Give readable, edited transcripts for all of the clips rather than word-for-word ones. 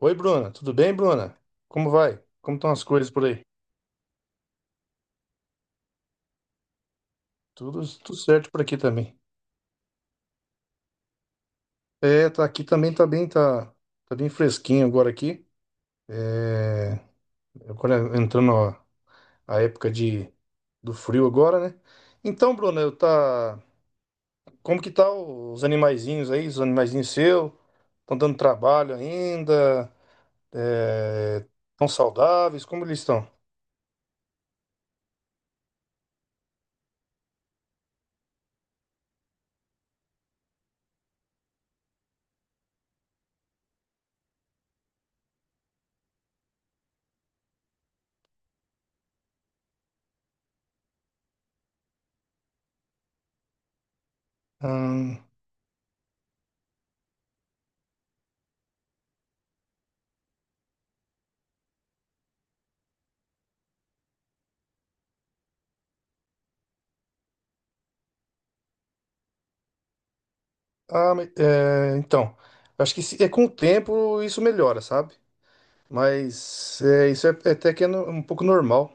Oi, Bruna. Tudo bem, Bruna? Como vai? Como estão as coisas por aí? Tudo certo por aqui também. Tá aqui também tá bem fresquinho agora aqui. Agora entrando a época do frio agora, né? Então, Bruna, como que tá os animaizinhos aí? Os animaizinhos seus? Estão dando trabalho ainda? É, estão saudáveis? Como eles estão? Hum, então, acho que é com o tempo isso melhora, sabe? Mas é, isso é até que é um pouco normal.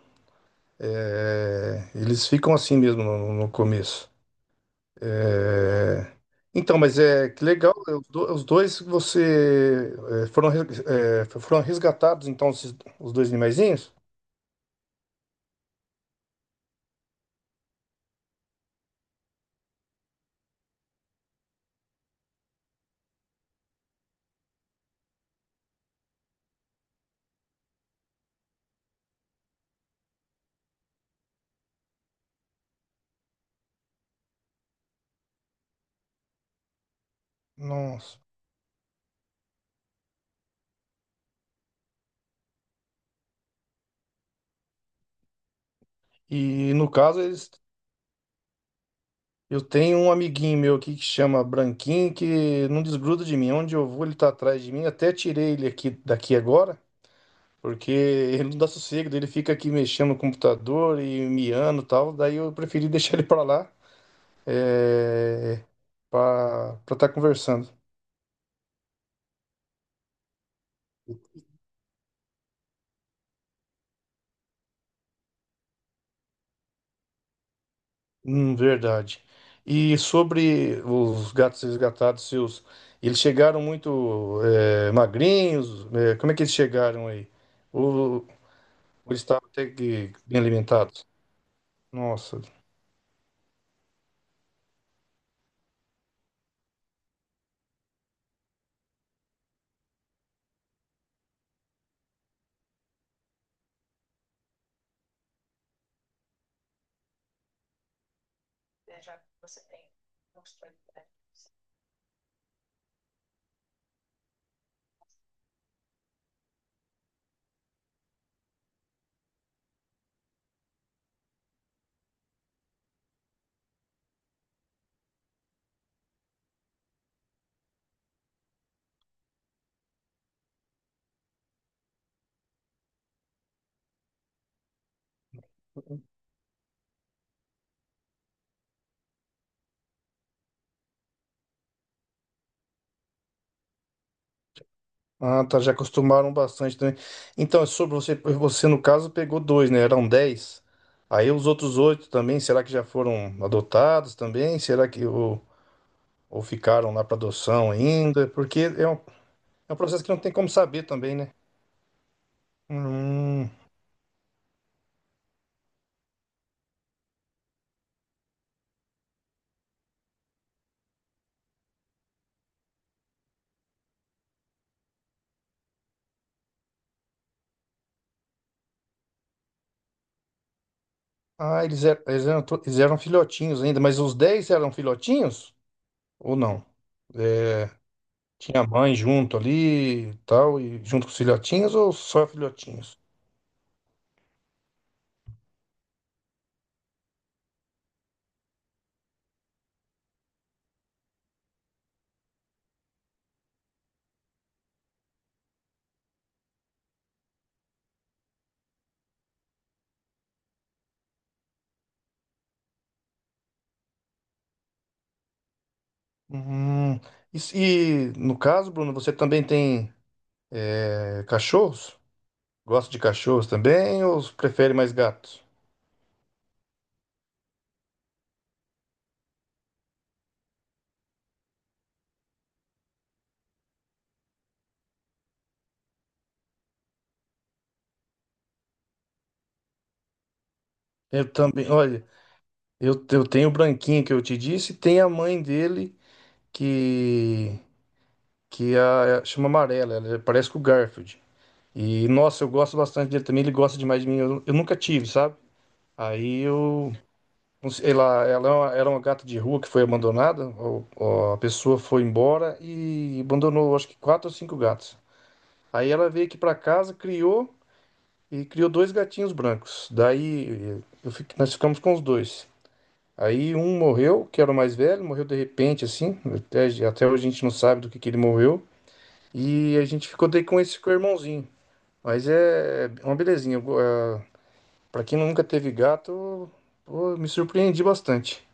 É, eles ficam assim mesmo no começo. É, Então, mas é que legal, os os dois que você foram resgatados, então, os dois animaizinhos? Nossa. E no caso, eu tenho um amiguinho meu aqui que chama Branquinho, que não desgruda de mim. Onde eu vou, ele tá atrás de mim. Até tirei ele aqui daqui agora. Porque ele não dá sossego, daí ele fica aqui mexendo no computador e miando e tal. Daí eu preferi deixar ele pra lá é, para estar conversando. Verdade. E sobre os gatos resgatados seus, eles chegaram muito magrinhos? É, como é que eles chegaram aí? Ou eles estavam até que bem alimentados? Nossa, ah, tá, já acostumaram bastante também. Então, é sobre você, você no caso pegou dois, né? Eram dez. Aí os outros oito também, será que já foram adotados também? Ou ficaram lá para adoção ainda? Porque é um processo que não tem como saber também, né? Hum. Ah, eles eram filhotinhos ainda, mas os dez eram filhotinhos ou não? É, tinha a mãe junto ali e tal, e junto com os filhotinhos ou só filhotinhos? Hum, e, no caso, Bruno, você também tem cachorros? Gosta de cachorros também ou prefere mais gatos? Eu também, olha, eu tenho o branquinho que eu te disse, tem a mãe dele que, que é chama Amarela, ela parece com o Garfield. E nossa, eu gosto bastante dele também, ele gosta demais de mim, eu nunca tive, sabe? Aí eu não sei. Ela é era uma gata de rua que foi abandonada. A pessoa foi embora e abandonou, acho que quatro ou cinco gatos. Aí ela veio aqui pra casa, criou e criou dois gatinhos brancos. Daí eu nós ficamos com os dois. Aí um morreu, que era o mais velho, morreu de repente, assim. Até hoje a gente não sabe do que ele morreu. E a gente ficou daí com esse com o irmãozinho. Mas é uma belezinha. Pra quem nunca teve gato, pô, me surpreendi bastante.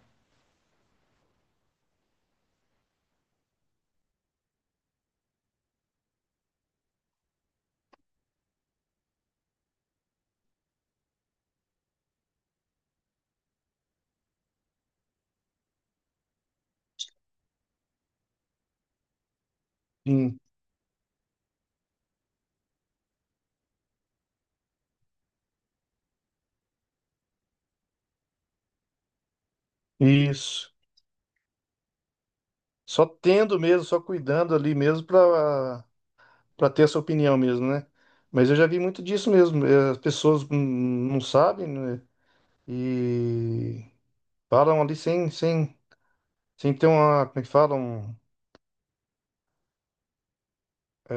Sim, isso. Só tendo mesmo, só cuidando ali mesmo para ter essa opinião mesmo, né? Mas eu já vi muito disso mesmo. As pessoas não sabem, né? E falam ali sem ter uma, como é que falam?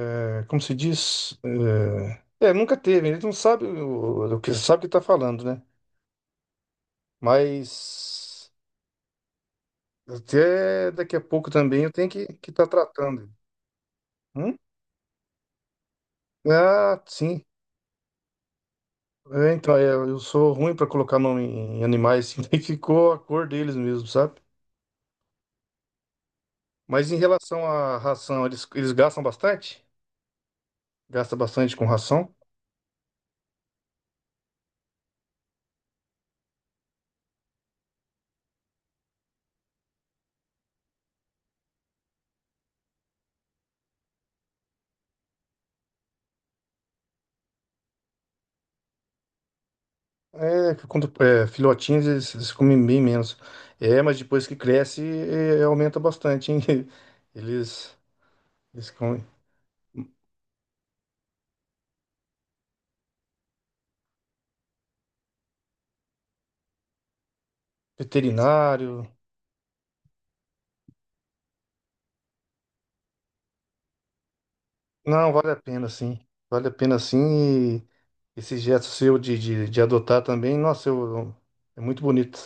É, como se diz? Nunca teve, eles não sabem o que sabe o que está falando, né? Mas até daqui a pouco também eu tenho que estar que tá tratando. Hum? Ah, sim. É, então, é, eu sou ruim para colocar nome em animais, assim, daí ficou a cor deles mesmo, sabe? Mas em relação à ração, eles gastam bastante? Gasta bastante com ração. Filhotinhos eles comem bem menos. É, mas depois que cresce, aumenta bastante, hein? Eles, eles comem. Veterinário. Não, vale a pena sim. Vale a pena sim. E esse gesto seu de adotar também, nossa, eu, é muito bonito.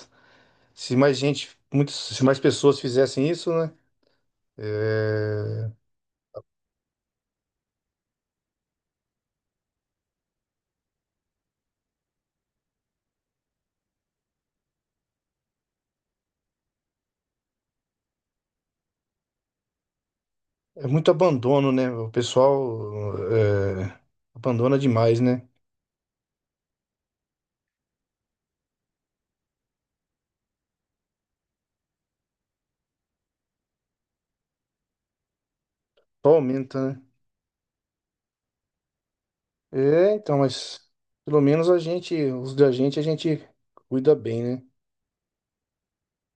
Se mais pessoas fizessem isso, né? É muito abandono, né? O pessoal é, abandona demais, né? Só aumenta, né? É, então, mas pelo menos os da gente, a gente cuida bem, né?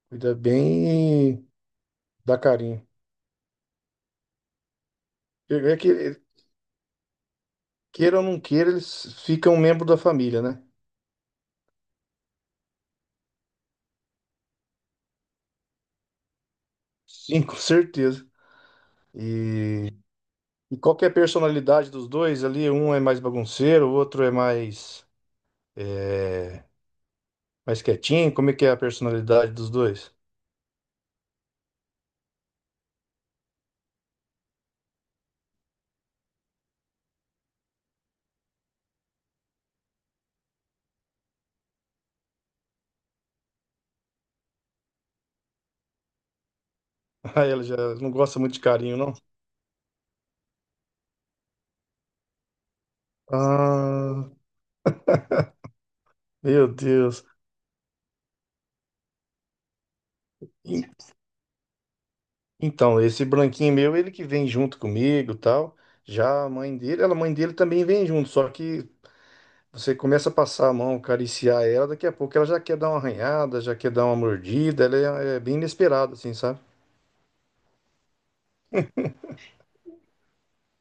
Cuida bem e dá carinho. É que, queira ou não queira, eles ficam membro da família, né? Sim, com certeza. E, e qual que é a personalidade dos dois ali? Um é mais bagunceiro, o outro é mais. eh, Mais quietinho? Como é que é a personalidade dos dois? Ah, ela já não gosta muito de carinho, não? Ah, meu Deus. E- Então, esse branquinho meu, ele que vem junto comigo, tal. Já a mãe dele, a mãe dele também vem junto, só que você começa a passar a mão, acariciar ela, daqui a pouco ela já quer dar uma arranhada, já quer dar uma mordida, é bem inesperada, assim, sabe?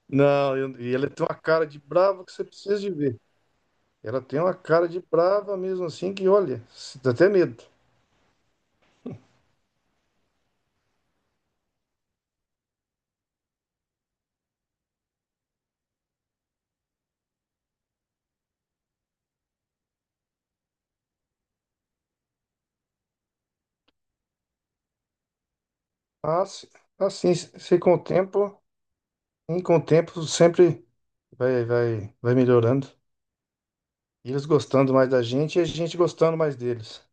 Não, e ela tem uma cara de brava que você precisa de ver. Ela tem uma cara de brava mesmo assim que, olha, dá até medo. Assim, se com o tempo, com o tempo sempre vai melhorando. E eles gostando mais da gente e a gente gostando mais deles.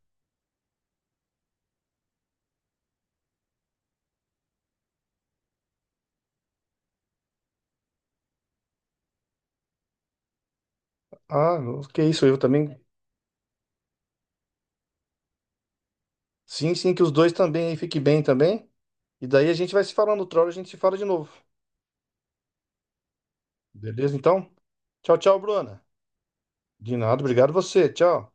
Ah, não, que isso, eu também. Sim, sim, que os dois também aí fiquem bem também. E daí a gente vai se falando, outra hora a gente se fala de novo. Beleza, então? Tchau, tchau, Bruna. De nada, obrigado você. Tchau.